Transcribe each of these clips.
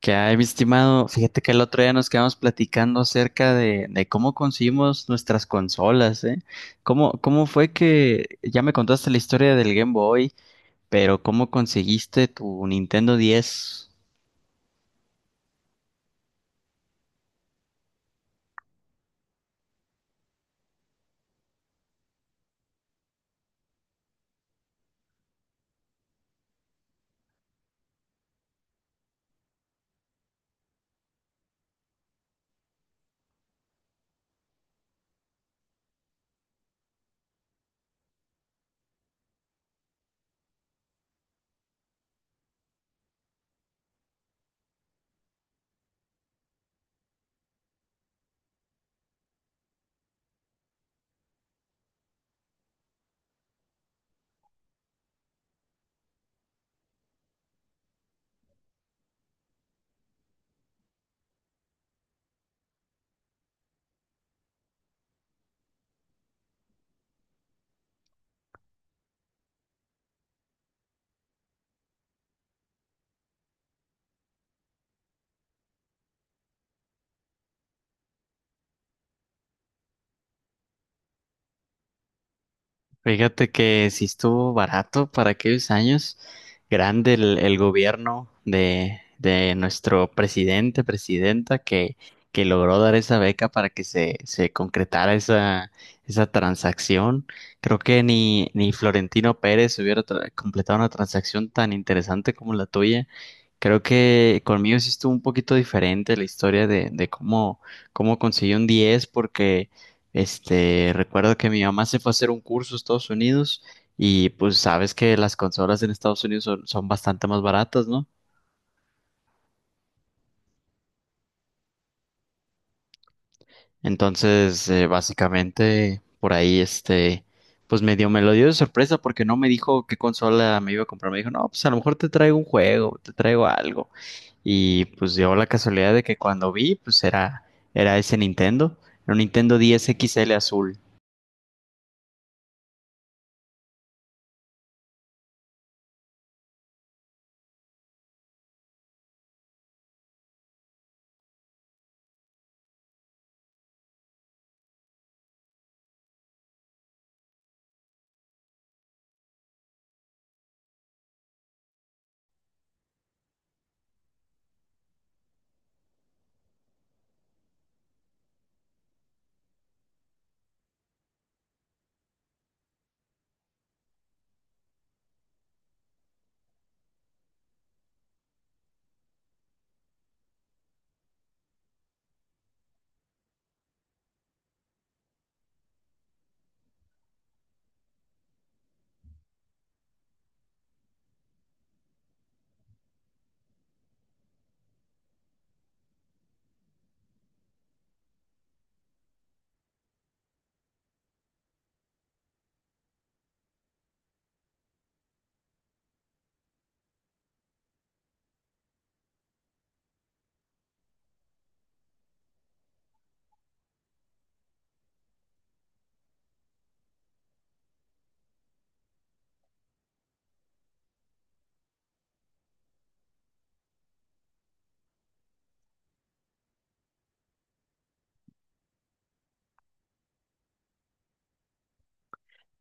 Que hay, mi estimado? Fíjate que el otro día nos quedamos platicando acerca de cómo conseguimos nuestras consolas, ¿eh? ¿Cómo fue que ya me contaste la historia del Game Boy, pero ¿cómo conseguiste tu Nintendo 10? Fíjate que sí estuvo barato para aquellos años. Grande el gobierno de nuestro presidente, presidenta, que logró dar esa beca para que se concretara esa transacción. Creo que ni Florentino Pérez hubiera completado una transacción tan interesante como la tuya. Creo que conmigo sí estuvo un poquito diferente la historia de cómo, cómo conseguí un 10 porque recuerdo que mi mamá se fue a hacer un curso a Estados Unidos y pues sabes que las consolas en Estados Unidos son, son bastante más baratas, ¿no? Entonces, básicamente por ahí, pues medio me lo dio de sorpresa porque no me dijo qué consola me iba a comprar. Me dijo, no, pues a lo mejor te traigo un juego, te traigo algo. Y pues dio la casualidad de que cuando vi, pues era ese Nintendo, era un Nintendo 10 XL azul.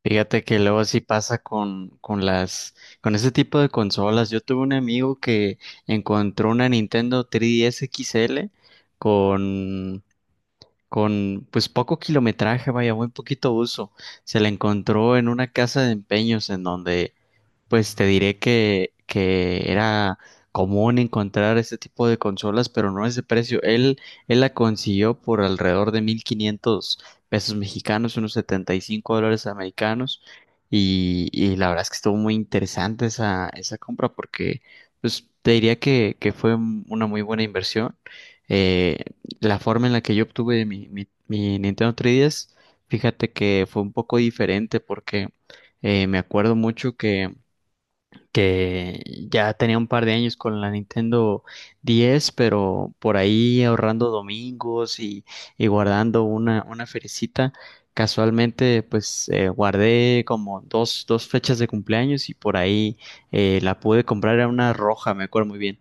Fíjate que luego sí pasa con con ese tipo de consolas. Yo tuve un amigo que encontró una Nintendo 3DS XL con, con pues poco kilometraje, vaya, muy poquito uso. Se la encontró en una casa de empeños en donde pues te diré que era común encontrar este tipo de consolas, pero no a ese precio. Él la consiguió por alrededor de 1500 pesos mexicanos, unos 75 dólares americanos. Y la verdad es que estuvo muy interesante esa compra porque pues, te diría que fue una muy buena inversión. Eh, la forma en la que yo obtuve mi Nintendo 3DS, fíjate que fue un poco diferente porque me acuerdo mucho que ya tenía un par de años con la Nintendo diez, pero por ahí ahorrando domingos y guardando una feriecita, casualmente pues guardé como dos fechas de cumpleaños y por ahí la pude comprar, era una roja, me acuerdo muy bien.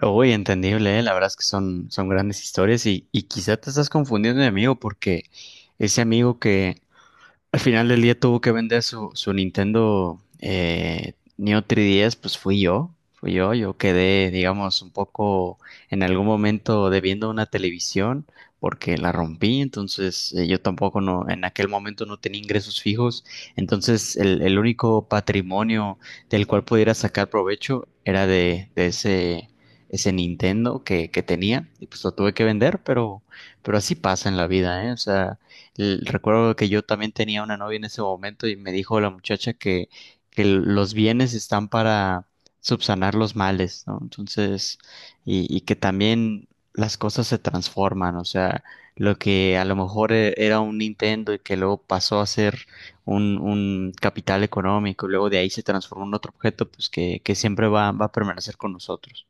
Uy, entendible, ¿eh? La verdad es que son, son grandes historias y quizá te estás confundiendo de amigo porque ese amigo que, al final del día tuvo que vender su Nintendo, Neo 3DS, pues fui yo, yo quedé, digamos, un poco, en algún momento, debiendo una televisión porque la rompí. Entonces, yo tampoco no, en aquel momento no tenía ingresos fijos, entonces el único patrimonio del cual pudiera sacar provecho era de ese Nintendo que tenía, y pues lo tuve que vender, pero así pasa en la vida, ¿eh? O sea, recuerdo que yo también tenía una novia en ese momento y me dijo la muchacha que los bienes están para subsanar los males, ¿no? Entonces, y que también las cosas se transforman, o sea, lo que a lo mejor era un Nintendo y que luego pasó a ser un capital económico, y luego de ahí se transformó en otro objeto, pues que siempre va a permanecer con nosotros.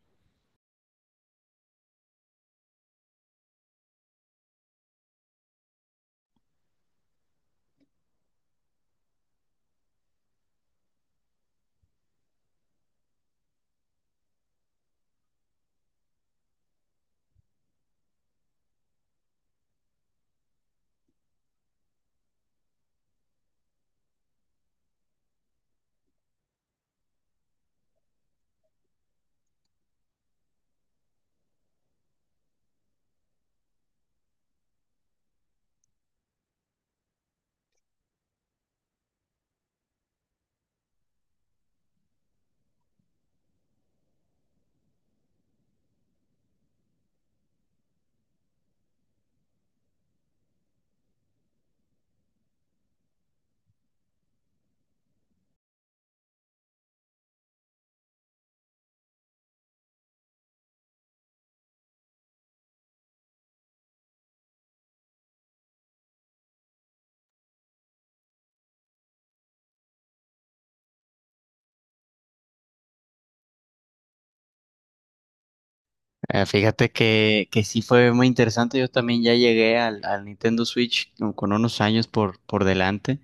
Fíjate que sí fue muy interesante. Yo también ya llegué al Nintendo Switch con unos años por delante.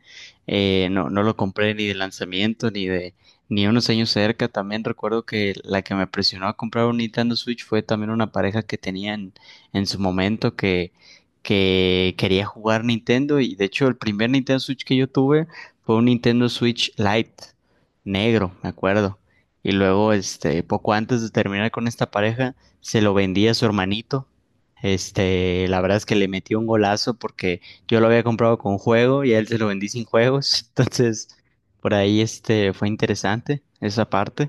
No lo compré ni de lanzamiento ni de, ni unos años cerca. También recuerdo que la que me presionó a comprar un Nintendo Switch fue también una pareja que tenía en su momento que quería jugar Nintendo. Y de hecho, el primer Nintendo Switch que yo tuve fue un Nintendo Switch Lite, negro, me acuerdo. Y luego, poco antes de terminar con esta pareja se lo vendí a su hermanito. Este, la verdad es que le metí un golazo porque yo lo había comprado con juego y a él se lo vendí sin juegos. Entonces, por ahí este fue interesante esa parte.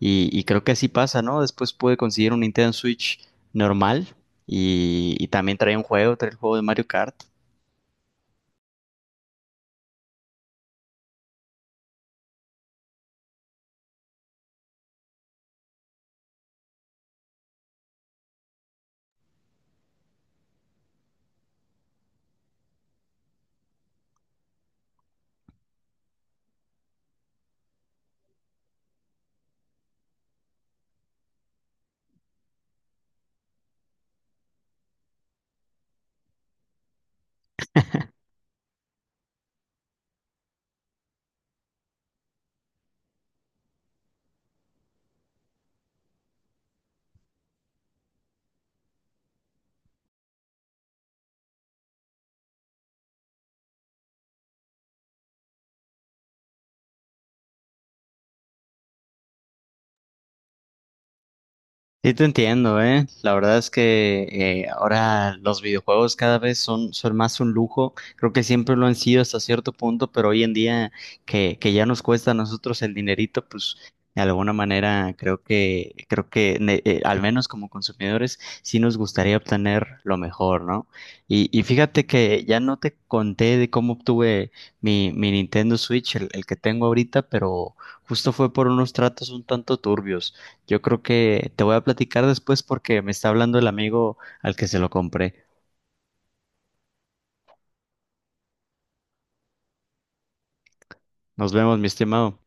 Y creo que así pasa, ¿no? Después pude conseguir un Nintendo Switch normal y también trae un juego, trae el juego de Mario Kart. Sí, te entiendo, ¿eh? La verdad es que, ahora los videojuegos cada vez son, son más un lujo. Creo que siempre lo han sido hasta cierto punto, pero hoy en día que ya nos cuesta a nosotros el dinerito, pues de alguna manera creo que, al menos como consumidores, sí nos gustaría obtener lo mejor, ¿no? Y fíjate que ya no te conté de cómo obtuve mi Nintendo Switch, el que tengo ahorita, pero justo fue por unos tratos un tanto turbios. Yo creo que te voy a platicar después porque me está hablando el amigo al que se lo compré. Nos vemos, mi estimado.